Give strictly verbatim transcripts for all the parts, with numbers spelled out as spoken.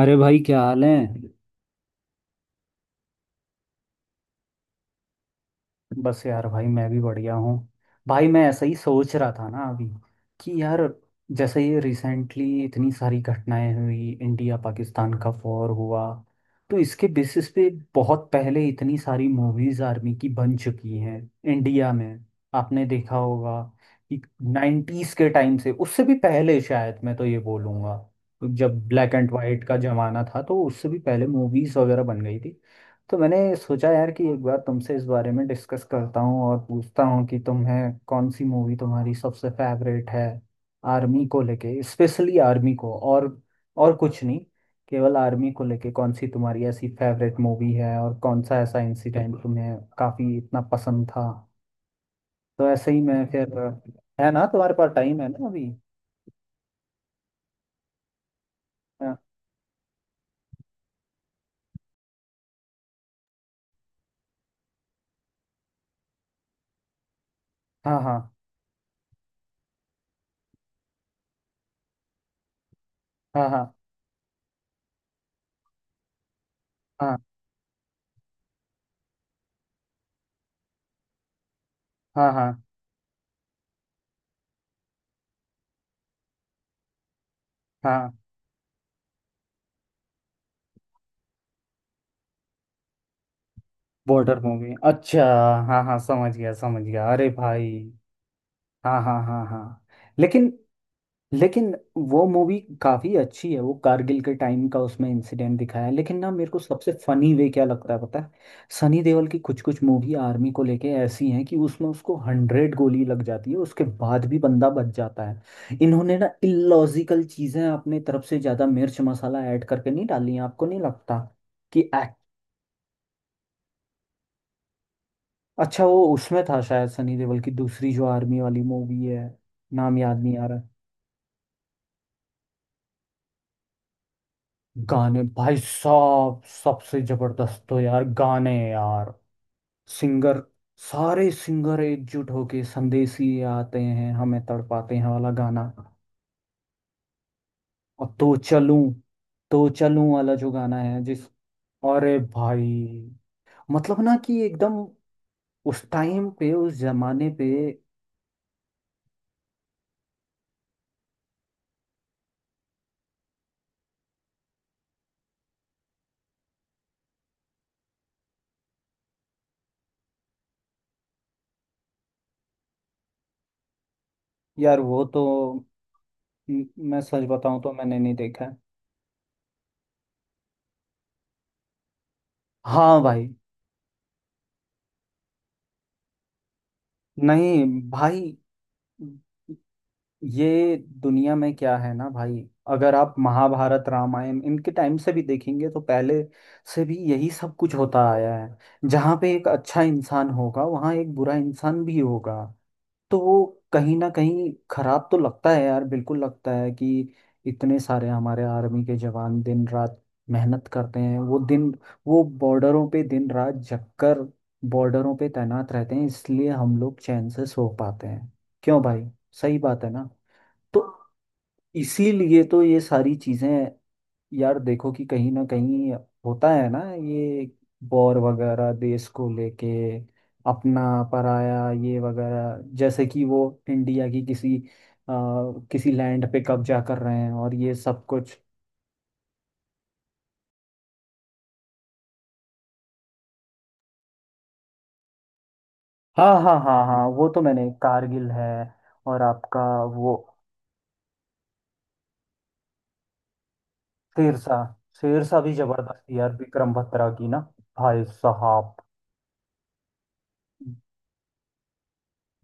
अरे भाई, क्या हाल है। बस यार भाई, मैं भी बढ़िया हूँ। भाई मैं ऐसा ही सोच रहा था ना अभी कि यार, जैसे ये रिसेंटली इतनी सारी घटनाएं हुई, इंडिया पाकिस्तान का वॉर हुआ, तो इसके बेसिस पे बहुत पहले इतनी सारी मूवीज आर्मी की बन चुकी हैं इंडिया में। आपने देखा होगा कि नाइन्टीज के टाइम से, उससे भी पहले शायद, मैं तो ये बोलूँगा जब ब्लैक एंड वाइट का जमाना था, तो उससे भी पहले मूवीज वगैरह बन गई थी। तो मैंने सोचा यार कि एक बार तुमसे इस बारे में डिस्कस करता हूँ और पूछता हूँ कि तुम्हें कौन सी मूवी तुम्हारी सबसे फेवरेट है, आर्मी को लेके, स्पेशली आर्मी को और। और कुछ नहीं, केवल आर्मी को लेके कौन सी तुम्हारी ऐसी फेवरेट मूवी है, और कौन सा ऐसा इंसिडेंट तुम्हें काफी इतना पसंद था। तो ऐसे ही मैं फिर, है ना, तुम्हारे पास टाइम है ना अभी? हाँ, हाँ, हाँ, हाँ, हाँ, हाँ, हाँ, हाँ, हाँ। बॉर्डर मूवी, अच्छा। हाँ हाँ, समझ गया समझ गया, अरे भाई। हाँ हाँ हाँ हाँ। लेकिन, लेकिन वो मूवी काफी अच्छी है, वो कारगिल के टाइम का उसमें इंसिडेंट दिखाया है, लेकिन ना, मेरे को सबसे फनी वे क्या लगता है पता है? सनी देओल की कुछ कुछ मूवी आर्मी को लेके ऐसी हैं कि उसमें उसको हंड्रेड गोली लग जाती है, उसके बाद भी बंदा बच जाता है। इन्होंने ना इलॉजिकल चीजें अपने तरफ से ज्यादा मिर्च मसाला ऐड करके नहीं डाली हैं, आपको नहीं लगता कि act- अच्छा, वो उसमें था शायद, सनी देओल की दूसरी जो आर्मी वाली मूवी है, नाम याद नहीं आ रहा। गाने भाई साहब सबसे जबरदस्त, तो यार गाने यार। सिंगर, सारे सिंगर एकजुट होके संदेशी आते हैं हमें तड़पाते हैं वाला गाना। और तो चलूं, तो चलूं वाला जो गाना है जिस, अरे भाई, मतलब ना कि एकदम उस टाइम पे, उस जमाने पे। यार वो तो, म- मैं सच बताऊं तो मैंने नहीं देखा है। हाँ भाई। नहीं भाई, ये दुनिया में क्या है ना भाई, अगर आप महाभारत रामायण इनके टाइम से भी देखेंगे तो पहले से भी यही सब कुछ होता आया है। जहाँ पे एक अच्छा इंसान होगा, वहाँ एक बुरा इंसान भी होगा। तो वो कहीं ना कहीं खराब तो लगता है यार, बिल्कुल लगता है कि इतने सारे हमारे आर्मी के जवान दिन रात मेहनत करते हैं, वो दिन, वो बॉर्डरों पे दिन रात जगकर, बॉर्डरों पे तैनात रहते हैं, इसलिए हम लोग चैन से सो पाते हैं। क्यों भाई, सही बात है ना? तो इसीलिए तो ये सारी चीजें, यार देखो कि कहीं ना कहीं होता है ना ये वॉर वगैरह देश को लेके, अपना पराया ये वगैरह, जैसे कि वो इंडिया की किसी अ, किसी लैंड पे कब्जा कर रहे हैं, और ये सब कुछ। हाँ हाँ हाँ हाँ, वो तो मैंने कारगिल है, और आपका वो शेरशाह, शेरशाह भी जबरदस्त थी यार, विक्रम बत्रा की ना। भाई साहब,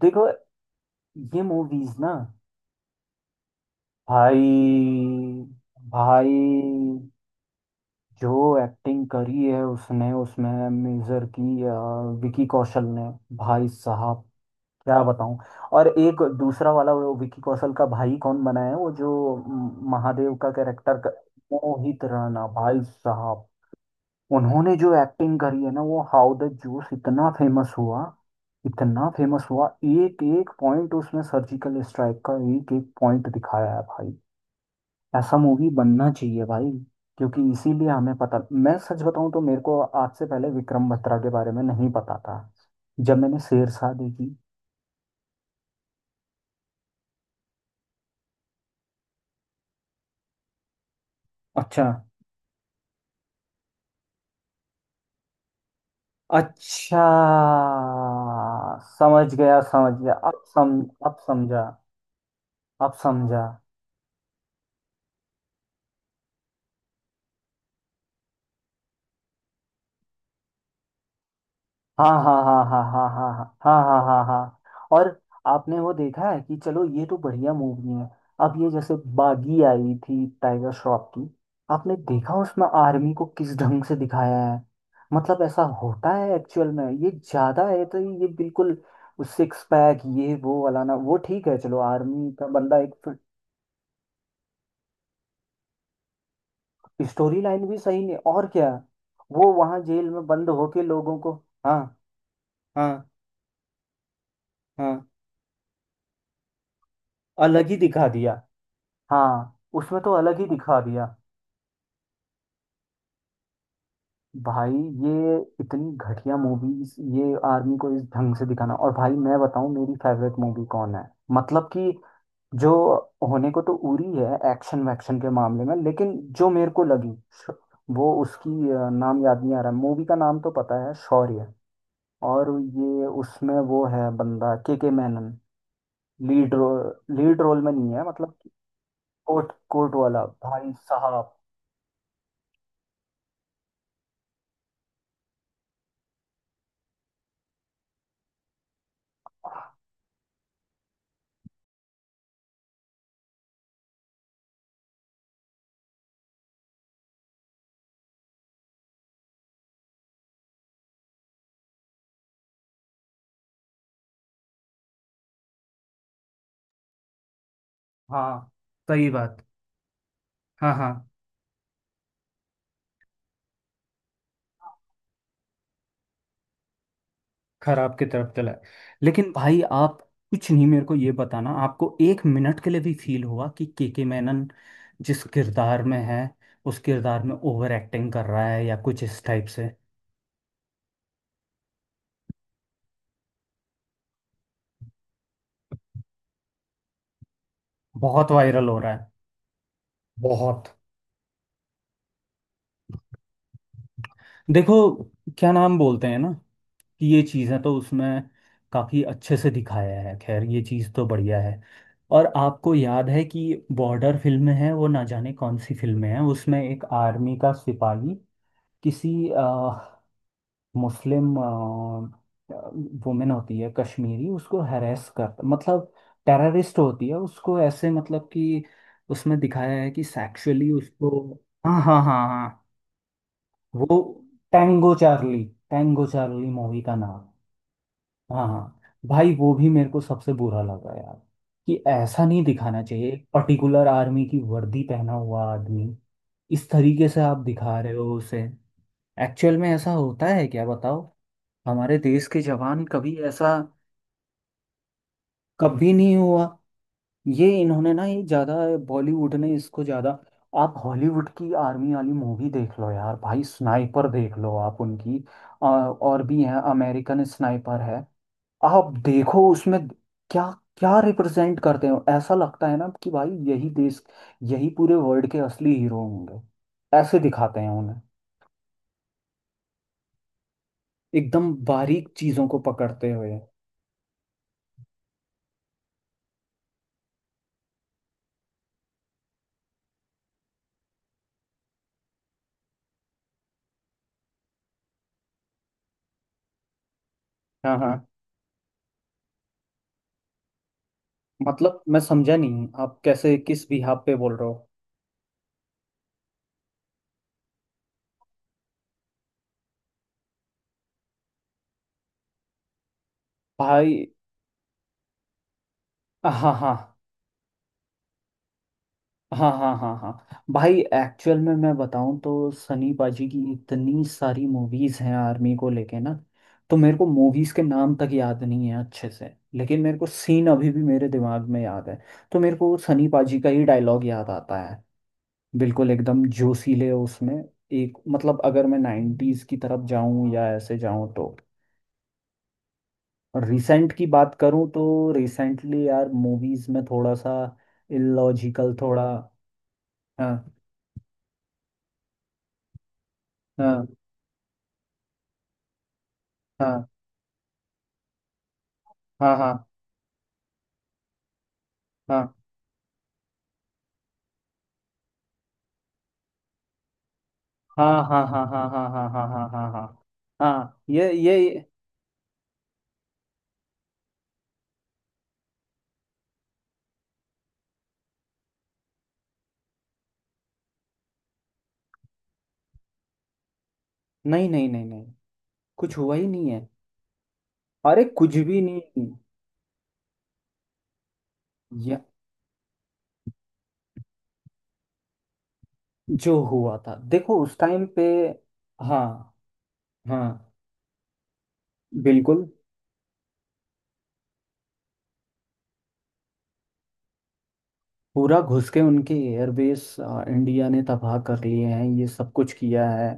देखो ये मूवीज ना, भाई, भाई जो एक्टिंग करी है उसने, उसमें मेजर की अ, विकी कौशल ने, भाई साहब क्या बताऊं। और एक दूसरा वाला वो विकी कौशल का भाई कौन बना है, वो जो म, महादेव का कैरेक्टर कर, मोहित राणा भाई साहब। उन्होंने जो एक्टिंग करी है ना, वो हाउ द जूस इतना फेमस हुआ, इतना फेमस हुआ। एक एक पॉइंट उसमें सर्जिकल स्ट्राइक का, एक एक पॉइंट दिखाया है भाई। ऐसा मूवी बनना चाहिए भाई, क्योंकि इसीलिए हमें पता, मैं सच बताऊं तो मेरे को आज से पहले विक्रम बत्रा के बारे में नहीं पता था, जब मैंने शेरशाह देखी। अच्छा, अच्छा, समझ गया समझ गया, अब सम, अब समझा, अब समझा। हाँ, हाँ, हाँ, हाँ, हाँ, हाँ, हाँ, हाँ, हाँ, हाँ, हाँ। और आपने वो देखा है कि चलो ये तो बढ़िया मूवी है, अब ये जैसे बागी आई थी टाइगर श्रॉफ की, आपने देखा उसमें आर्मी को किस ढंग से दिखाया है? मतलब ऐसा होता है एक्चुअल में? ये ज्यादा है तो, ये बिल्कुल सिक्स पैक ये वो वाला ना, वो ठीक है, चलो आर्मी का बंदा एक, स्टोरी लाइन भी सही नहीं, और क्या। वो वहां जेल में बंद होके लोगों को, हाँ हाँ हाँ, अलग ही दिखा दिया। हाँ, उसमें तो अलग ही दिखा दिया। भाई, ये इतनी घटिया मूवीज, ये आर्मी को इस ढंग से दिखाना। और भाई मैं बताऊं मेरी फेवरेट मूवी कौन है, मतलब कि जो होने को तो उरी है एक्शन वैक्शन के मामले में, लेकिन जो मेरे को लगी श- वो उसकी अ, नाम याद नहीं आ रहा, मूवी का नाम तो पता है, शौर्य। और ये उसमें वो है बंदा K K Menon. Lead role, lead role में नहीं है, मतलब कोट कोट वाला भाई साहब। हाँ सही बात। हाँ हाँ। खराब की तरफ चला है, लेकिन भाई आप, कुछ नहीं, मेरे को ये बताना, आपको एक मिनट के लिए भी फील हुआ कि केके मैनन जिस किरदार में है, उस किरदार में ओवर एक्टिंग कर रहा है या कुछ इस टाइप से? बहुत वायरल हो रहा है, बहुत। देखो, क्या नाम बोलते हैं ना, कि ये चीज़ें तो उसमें काफ़ी अच्छे से दिखाया है, खैर ये चीज़ तो बढ़िया है। और आपको याद है कि बॉर्डर फिल्म है वो, ना जाने कौन सी फिल्म है, उसमें एक आर्मी का सिपाही किसी अ, मुस्लिम वुमेन होती है कश्मीरी, उसको हैरेस कर, मतलब टेररिस्ट होती है, उसको ऐसे मतलब कि, उसमें दिखाया है कि सेक्सुअली उसको, हाँ हाँ हाँ हाँ, वो Tango Charlie, Tango Charlie movie का नाम। हाँ हाँ। भाई वो भी मेरे को सबसे बुरा लगा यार, कि ऐसा नहीं दिखाना चाहिए। एक पर्टिकुलर आर्मी की वर्दी पहना हुआ आदमी, इस तरीके से आप दिखा रहे हो उसे, एक्चुअल में ऐसा होता है क्या? बताओ, हमारे देश के जवान कभी ऐसा, कभी नहीं हुआ। ये इन्होंने ना, ये ज्यादा बॉलीवुड ने इसको ज्यादा, आप हॉलीवुड की आर्मी वाली मूवी देख लो यार भाई, स्नाइपर देख लो आप उनकी, आ, और भी है अमेरिकन स्नाइपर है, आप देखो उसमें, क्या, क्या रिप्रेजेंट करते हो, ऐसा लगता है ना कि भाई यही देश, यही पूरे वर्ल्ड के असली हीरो होंगे, ऐसे दिखाते हैं उन्हें, एकदम बारीक चीजों को पकड़ते हुए। हाँ हाँ। मतलब मैं समझा नहीं, आप कैसे, किस बिहाफ पे बोल रहे हो? भाई, हाँ हाँ, हाँ हाँ, हाँ हाँ भाई, एक्चुअल में मैं बताऊं तो सनी पाजी की इतनी सारी मूवीज हैं आर्मी को लेके ना, तो मेरे को मूवीज के नाम तक याद नहीं है अच्छे से, लेकिन मेरे को सीन अभी भी मेरे दिमाग में याद है, तो मेरे को सनी पाजी का ही डायलॉग याद आता है, बिल्कुल एकदम जोशीले उसमें। एक मतलब, अगर मैं नाइन्टीज की तरफ जाऊं या ऐसे जाऊं तो, रिसेंट की बात करूं तो, रिसेंटली यार मूवीज में थोड़ा सा इलॉजिकल थोड़ा, हाँ, हाँ, हाँ, हाँ, हाँ, हाँ, हाँ, हाँ, हाँ, हाँ, हाँ, हाँ, हाँ, हाँ, हाँ, हाँ, हाँ, ये ये ये- नहीं नहीं नहीं नहीं, कुछ हुआ ही नहीं है, अरे कुछ भी नहीं, ये जो हुआ था देखो उस टाइम पे, हाँ हाँ, बिल्कुल पूरा घुस के उनके एयरबेस इंडिया ने तबाह कर लिए हैं, ये सब कुछ किया है।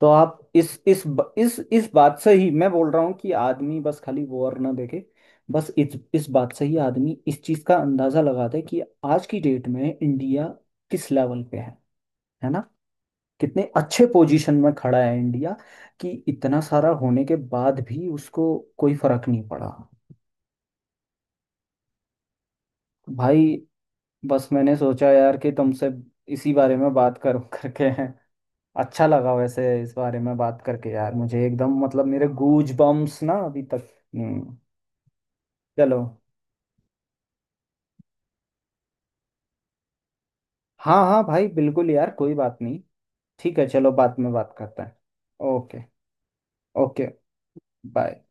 तो आप इस इस ब- इस इस बात से ही मैं बोल रहा हूँ कि आदमी बस खाली वॉर ना देखे, बस इस इस बात से ही आदमी इस चीज का अंदाजा लगा दे कि आज की डेट में इंडिया किस लेवल पे है है ना, कितने अच्छे पोजीशन में खड़ा है इंडिया, कि इतना सारा होने के बाद भी उसको कोई फर्क नहीं पड़ा। भाई, बस मैंने सोचा यार कि तुमसे इसी बारे में बात करूं करके, अच्छा लगा वैसे इस बारे में बात करके यार, मुझे एकदम मतलब मेरे गूज बम्स ना अभी तक। हम्म। चलो, हाँ हाँ भाई, बिल्कुल यार, कोई बात नहीं, ठीक है चलो, बाद में बात करते हैं। ओके। Okay, bye.